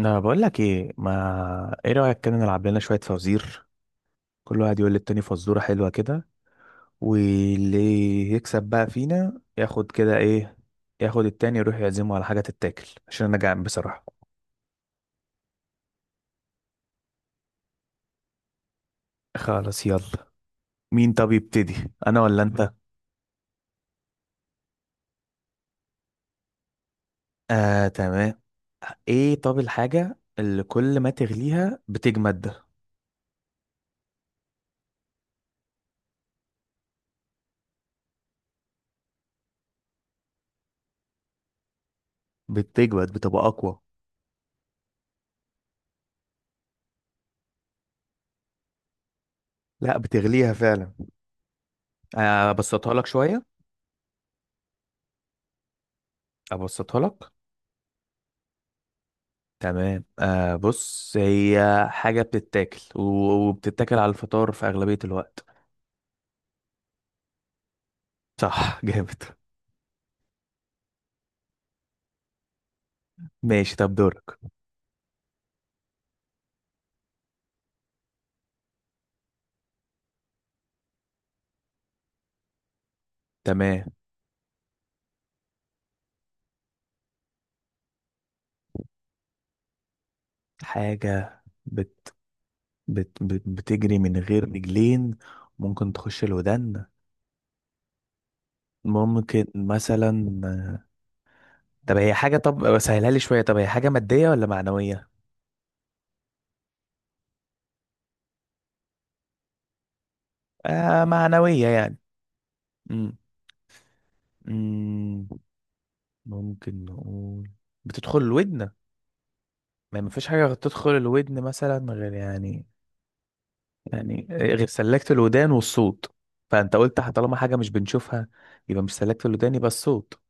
انا بقول لك ايه، ما ايه رايك؟ كده نلعب لنا شويه فوازير، كل واحد يقول للتاني فزوره حلوه كده، واللي يكسب بقى فينا ياخد كده ايه. ياخد التاني يروح يعزمه على حاجه تتاكل عشان انا جعان بصراحه. خلاص يلا. مين طب يبتدي، انا ولا انت؟ اه تمام. ايه، طب الحاجه اللي كل ما تغليها بتجمد؟ بتجمد بتبقى اقوى. لا، بتغليها فعلا. آه، ابسطها لك شويه. ابسطها لك. تمام. بص، هي حاجة بتتاكل وبتتاكل على الفطار في أغلبية الوقت. صح. جامد. ماشي، طب دورك. تمام. حاجة بت بت بت بتجري من غير رجلين، ممكن تخش الودان، ممكن مثلا. طب هي حاجة، طب سهلها لي شوية، طب هي حاجة مادية ولا معنوية؟ آه، معنوية يعني. مم. مم. ممكن نقول بتدخل الودن. ما فيش حاجة تدخل الودن مثلا غير يعني. يعني غير سلكت الودان والصوت. فانت قلت طالما حاجه مش بنشوفها، يبقى مش سلكت الودان، يبقى الصوت.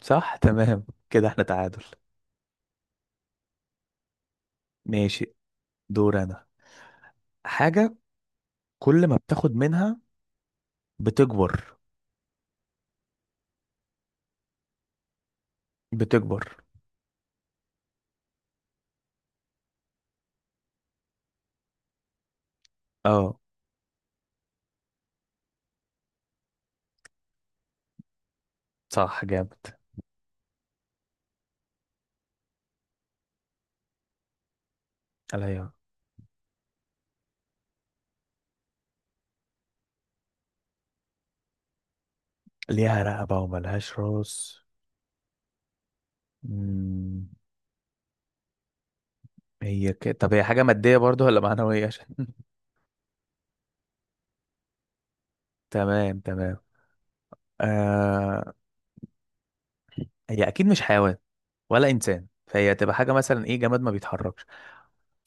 صح. تمام، كده احنا تعادل. ماشي. دور انا. حاجه كل ما بتاخد منها بتكبر. بتكبر. اه، صح جامد. عليا. ليها رقبه وملهاش راس. مم، هي كده، طب هي حاجه ماديه برضو ولا معنويه؟ عشان تمام تمام. آه. هي اكيد مش حيوان ولا انسان، فهي تبقى حاجه مثلا ايه، جماد ما بيتحركش.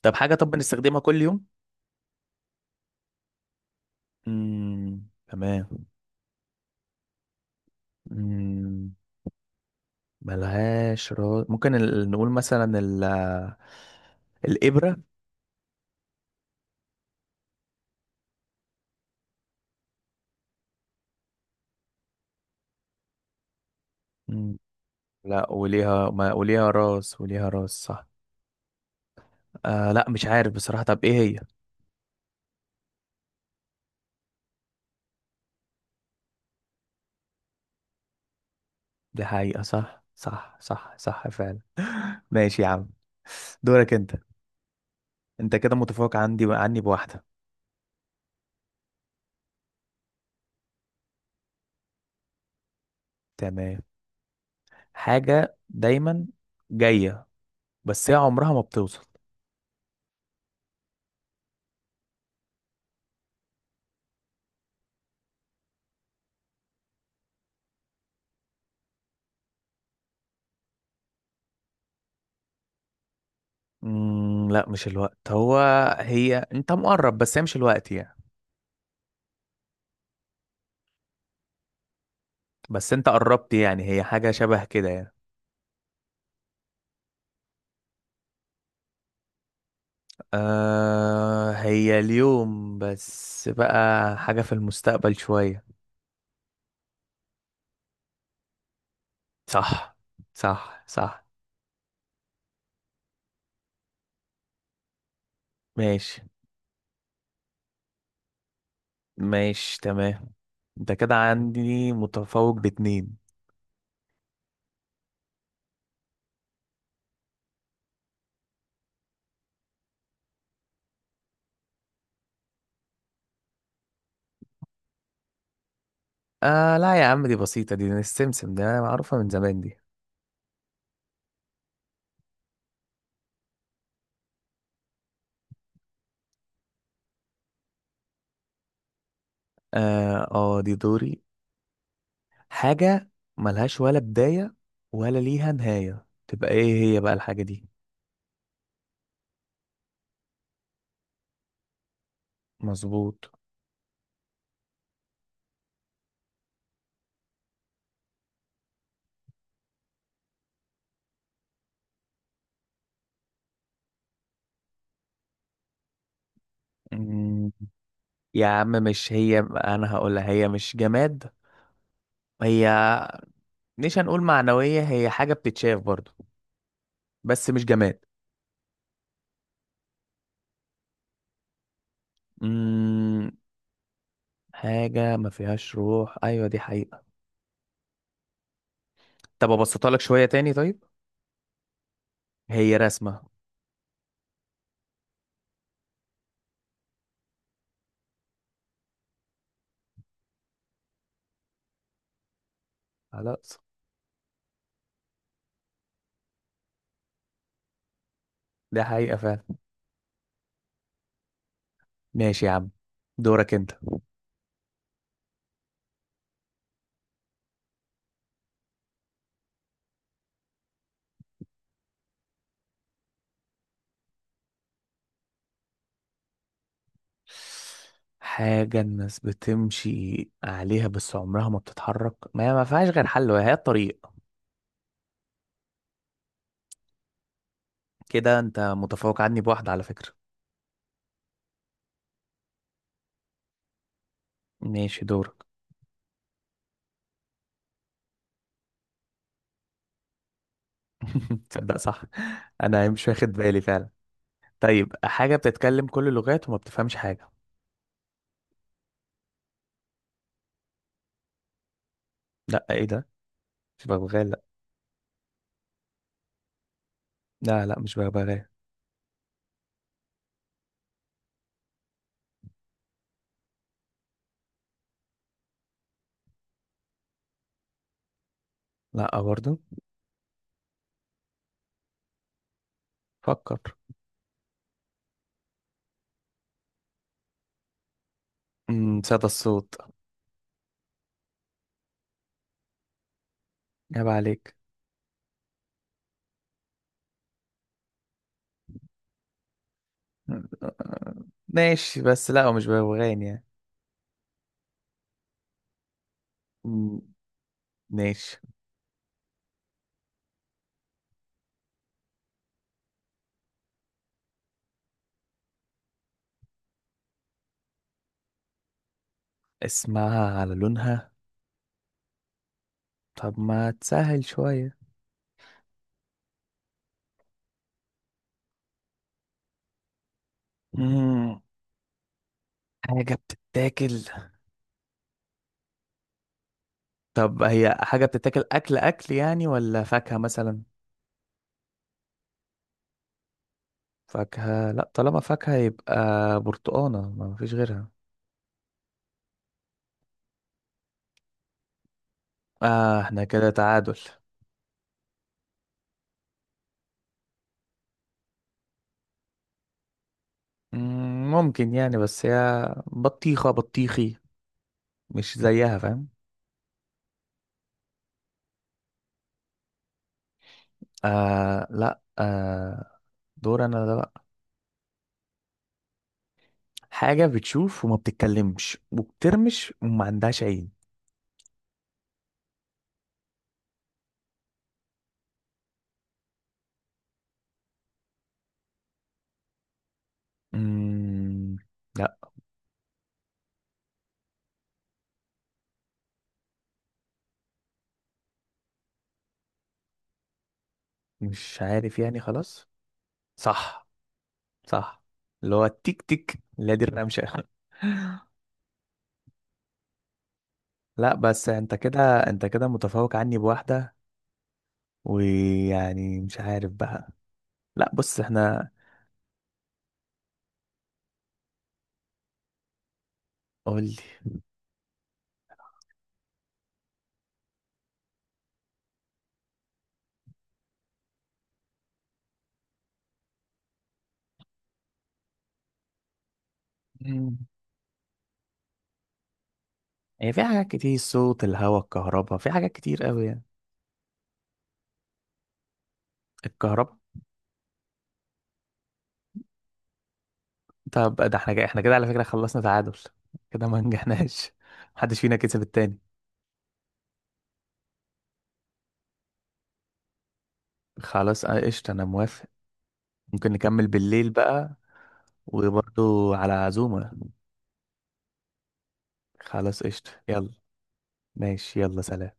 طب حاجة، طب بنستخدمها كل يوم. تمام. امم ملهاش راس. ممكن نقول مثلا الإبرة. مم. لا، وليها ما وليها راس، وليها راس صح. آه لا، مش عارف بصراحة. طب ايه هي؟ دي حقيقة. صح صح صح صح فعلا. ماشي يا عم. دورك انت. انت كده متفوق عندي عني بواحدة. تمام. حاجة دايما جاية بس هي عمرها ما بتوصل. لا، مش الوقت هو. هي، انت مقرب، بس هي مش الوقت يعني. بس انت قربت يعني، هي حاجة شبه كده يعني. آه، هي اليوم بس بقى حاجة في المستقبل شوية. صح صح صح. ماشي. ماشي تمام. انت كده عندي متفوق باتنين. آه لا يا عم، دي بسيطة، دي السمسم ده، معروفة من زمان دي. اه. آه، دي دوري. حاجة ملهاش ولا بداية ولا ليها نهاية، تبقى ايه هي بقى الحاجة دي؟ مظبوط. مم. يا عم مش هي، انا هقولها، هي مش جماد. هي مش هنقول معنوية، هي حاجة بتتشاف برضو بس مش جماد. مم. حاجة ما فيهاش روح، ايوه دي حقيقة. طب ابسطها لك شوية تاني، طيب. هي رسمة. خلاص. ده حقيقة فعلا. ماشي يا عم. دورك انت. حاجة الناس بتمشي عليها بس عمرها ما بتتحرك، ما هي ما فيهاش غير حل وهي الطريق. كده انت متفوق عني بواحدة على فكرة. ماشي دورك. تصدق، صح. انا مش واخد بالي فعلا. طيب، حاجة بتتكلم كل اللغات وما بتفهمش حاجة. لا، ايه ده؟ مش ببغاء لا. لا لا، مش ببغاء. لا برضه. فكر. صدى الصوت. عيب عليك. ماشي، بس لا هو مش ببغاء يعني. أمم، ماشي. اسمها على لونها. طب ما تسهل شوية. مم. حاجة بتتاكل. طب هي حاجة بتتاكل أكل أكل يعني ولا فاكهة مثلا؟ فاكهة. لا، طالما فاكهة يبقى برتقانة، ما فيش غيرها. آه، احنا كده تعادل. مم، ممكن يعني، بس هي بطيخة بطيخي، مش زيها، فاهم؟ آه لا آه. دور أنا ده بقى. حاجة بتشوف وما بتتكلمش وبترمش وما عندهاش عين. مم، لا، مش عارف يعني، خلاص. صح. صح. اللي هو التيك تيك اللي هي دي الرمشة. لا، بس انت كده. انت كده متفوق عني بواحدة، ويعني مش عارف بقى. لا بص احنا. قول لي. مم. هي في حاجات كتير، صوت الهواء، الكهرباء، في حاجات كتير قوي يعني. الكهرباء. طب ده احنا جاي، احنا كده على فكرة خلصنا تعادل، كده ما نجحناش. محدش فينا كسب التاني. خلاص اه، قشطة، انا موافق. ممكن نكمل بالليل بقى، وبرضو على عزومة. خلاص قشطة يلا. ماشي يلا، سلام.